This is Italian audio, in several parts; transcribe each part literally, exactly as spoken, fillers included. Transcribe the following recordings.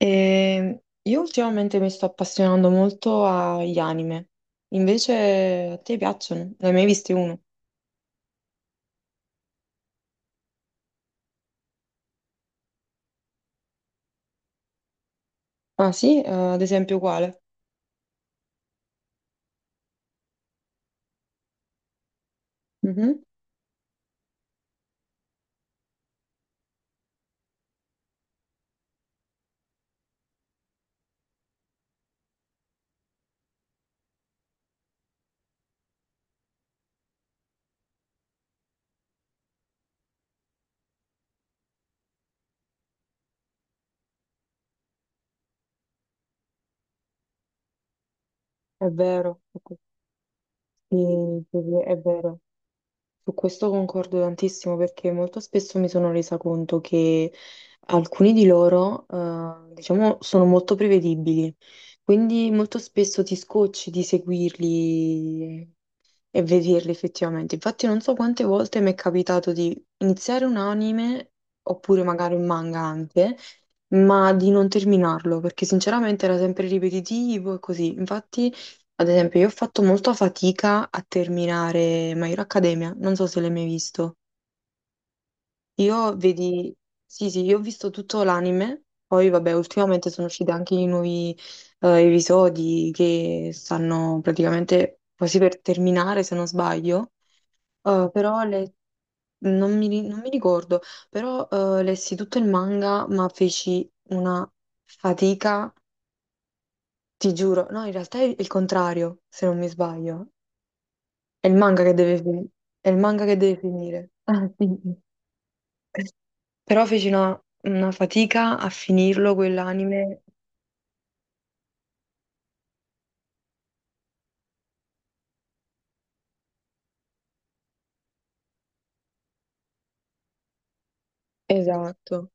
E io ultimamente mi sto appassionando molto agli anime. Invece a te piacciono? Ne hai mai visti uno? Ah sì? Eh, ad esempio quale? Mhm. È vero, su questi- su- è vero. Su questo concordo tantissimo, perché molto spesso mi sono resa conto che alcuni di loro, eh, diciamo, sono molto prevedibili, quindi molto spesso ti scocci di seguirli e vederli effettivamente. Infatti non so quante volte mi è capitato di iniziare un anime, oppure magari un manga anche, ma di non terminarlo, perché sinceramente era sempre ripetitivo e così. Infatti, ad esempio, io ho fatto molta fatica a terminare My Hero Academia, non so se l'hai mai visto. Io vedi, sì, sì, io ho visto tutto l'anime, poi vabbè, ultimamente sono usciti anche i nuovi eh, episodi che stanno praticamente quasi per terminare, se non sbaglio. Eh, però le- non mi, ri- non mi ricordo, però eh, lessi tutto il manga, ma feci una fatica, ti giuro. No, in realtà è il contrario, se non mi sbaglio. È il manga che deve, fi- è il manga che deve finire. Ah, sì. Però feci una, una fatica a finirlo quell'anime. Esatto,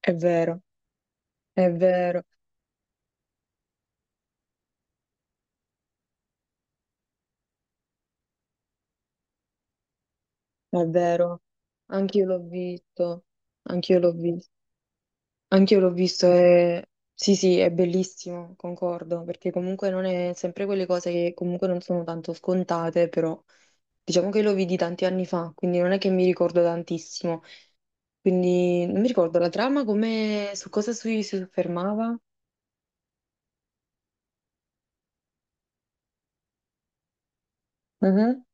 è vero, è vero, è vero. Anch'io l'ho visto, anch'io l'ho visto. Anch'io l'ho visto e sì, sì, è bellissimo, concordo, perché comunque non è sempre quelle cose che comunque non sono tanto scontate, però diciamo che lo vidi tanti anni fa, quindi non è che mi ricordo tantissimo. Quindi non mi ricordo la trama, come su cosa si, si soffermava. Mhm.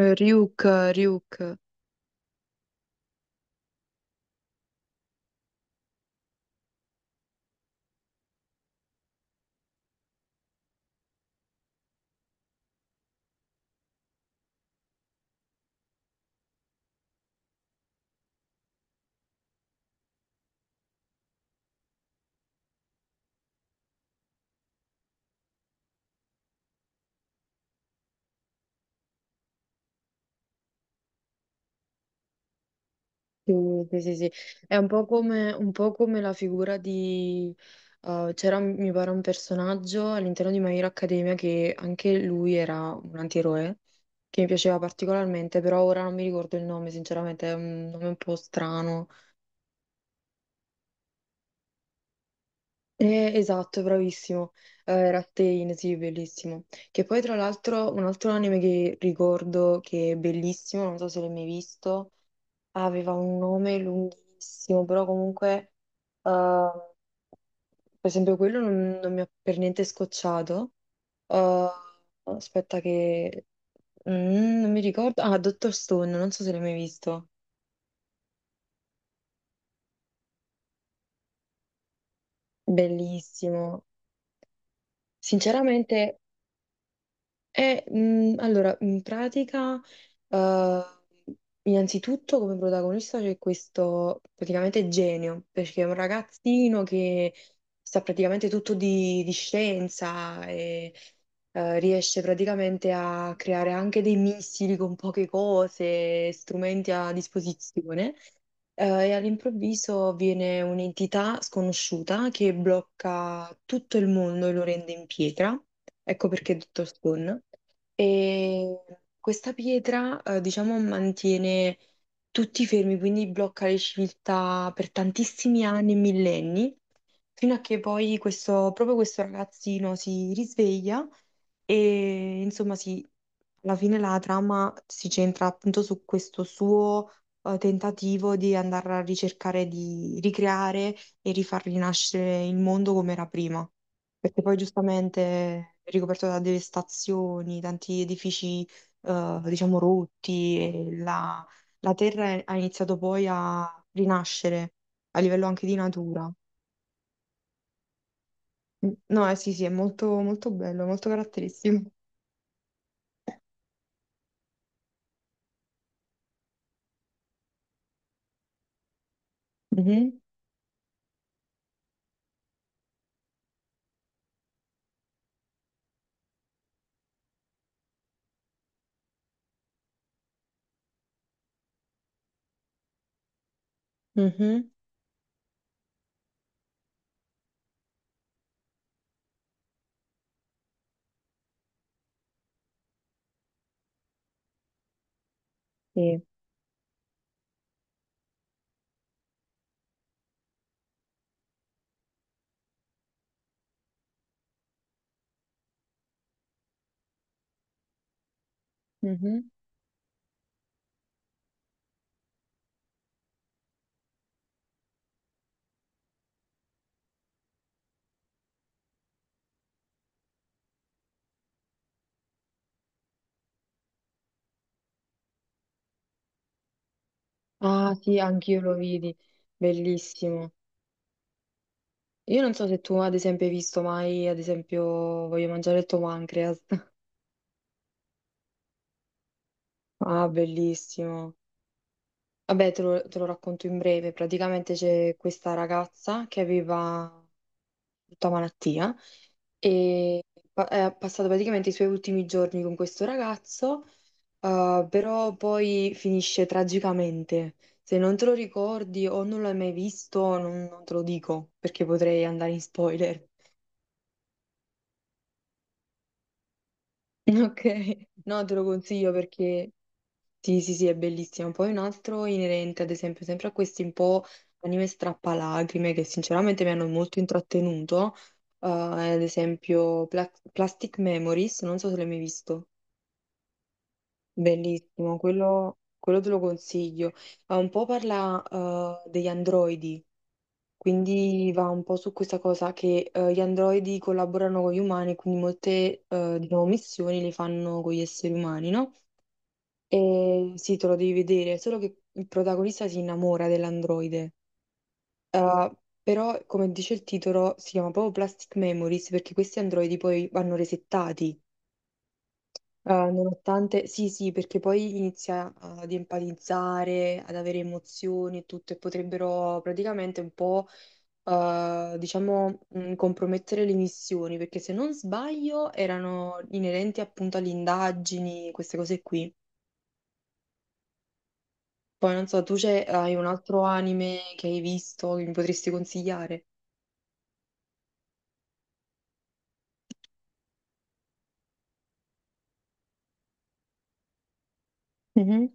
Eh, Ryuk, Ryuk. Sì, sì, sì, sì. È un po' come, un po' come la figura di... eh, c'era, mi pare, un personaggio all'interno di My Hero Academia che anche lui era un antieroe, che mi piaceva particolarmente, però ora non mi ricordo il nome, sinceramente, è un nome un po' strano. Eh, esatto, bravissimo. Eh, era Pain, sì, bellissimo. Che poi, tra l'altro, un altro anime che ricordo che è bellissimo, non so se l'hai mai visto, aveva un nome lunghissimo, però comunque... eh, per esempio, quello non, non mi ha per niente scocciato. Uh, aspetta che... Mm, non mi ricordo. Ah, Dottor Stone, non so se l'hai mai visto. Bellissimo. Sinceramente, E, mh, allora, in pratica, eh, innanzitutto come protagonista c'è questo praticamente genio, perché è un ragazzino che sa praticamente tutto di, di scienza e eh, riesce praticamente a creare anche dei missili con poche cose, strumenti a disposizione. Eh, e all'improvviso viene un'entità sconosciuta che blocca tutto il mondo e lo rende in pietra. Ecco perché è detto Stone. E questa pietra, eh, diciamo, mantiene tutti fermi, quindi blocca le civiltà per tantissimi anni e millenni. Fino a che poi questo, proprio questo ragazzino si risveglia e insomma si, alla fine la trama si centra appunto su questo suo eh, tentativo di andare a ricercare di ricreare e rifar rinascere il mondo come era prima, perché poi giustamente è ricoperto da devastazioni, tanti edifici eh, diciamo rotti e la la terra ha iniziato poi a rinascere a livello anche di natura. No, eh, sì, sì, è molto, molto bello, molto caratteristico. Mhm, mhm, sì, mhm. Ah sì, anch'io lo vidi, bellissimo. Io non so se tu ad esempio hai visto mai, ad esempio, Voglio mangiare il tuo pancreas. Ah, bellissimo. Vabbè, te lo, te lo racconto in breve. Praticamente c'è questa ragazza che aveva tutta malattia e pa- ha passato praticamente i suoi ultimi giorni con questo ragazzo, eh, però poi finisce tragicamente. Se non te lo ricordi o non l'hai mai visto, non, non te lo dico perché potrei andare in spoiler. Ok, no, te lo consiglio perché sì, sì, sì, è bellissimo. Poi un altro inerente, ad esempio, sempre a questi un po' anime strappalacrime che sinceramente mi hanno molto intrattenuto, eh, ad esempio Pla- Plastic Memories, non so se l'hai mai visto. Bellissimo, quello, quello te lo consiglio. Eh, Un po' parla eh, degli androidi, quindi va un po' su questa cosa che eh, gli androidi collaborano con gli umani, quindi molte, eh, diciamo, missioni le fanno con gli esseri umani, no? E sì, te lo devi vedere, solo che il protagonista si innamora dell'androide. Eh, però, come dice il titolo, si chiama proprio Plastic Memories perché questi androidi poi vanno resettati. Eh, nonostante, sì, sì, perché poi inizia ad empatizzare, ad avere emozioni e tutto, e potrebbero praticamente un po', eh, diciamo, mh, compromettere le missioni, perché se non sbaglio erano inerenti appunto alle indagini, queste cose qui. Poi non so, tu c'è, hai un altro anime che hai visto che mi potresti consigliare? Mhm,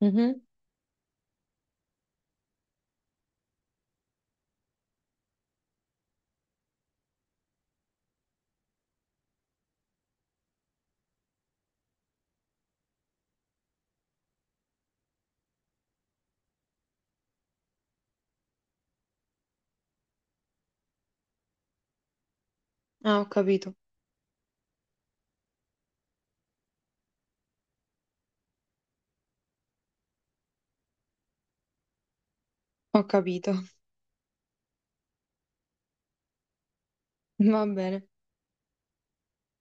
mhm. Ah, ho capito, ho capito. Va bene.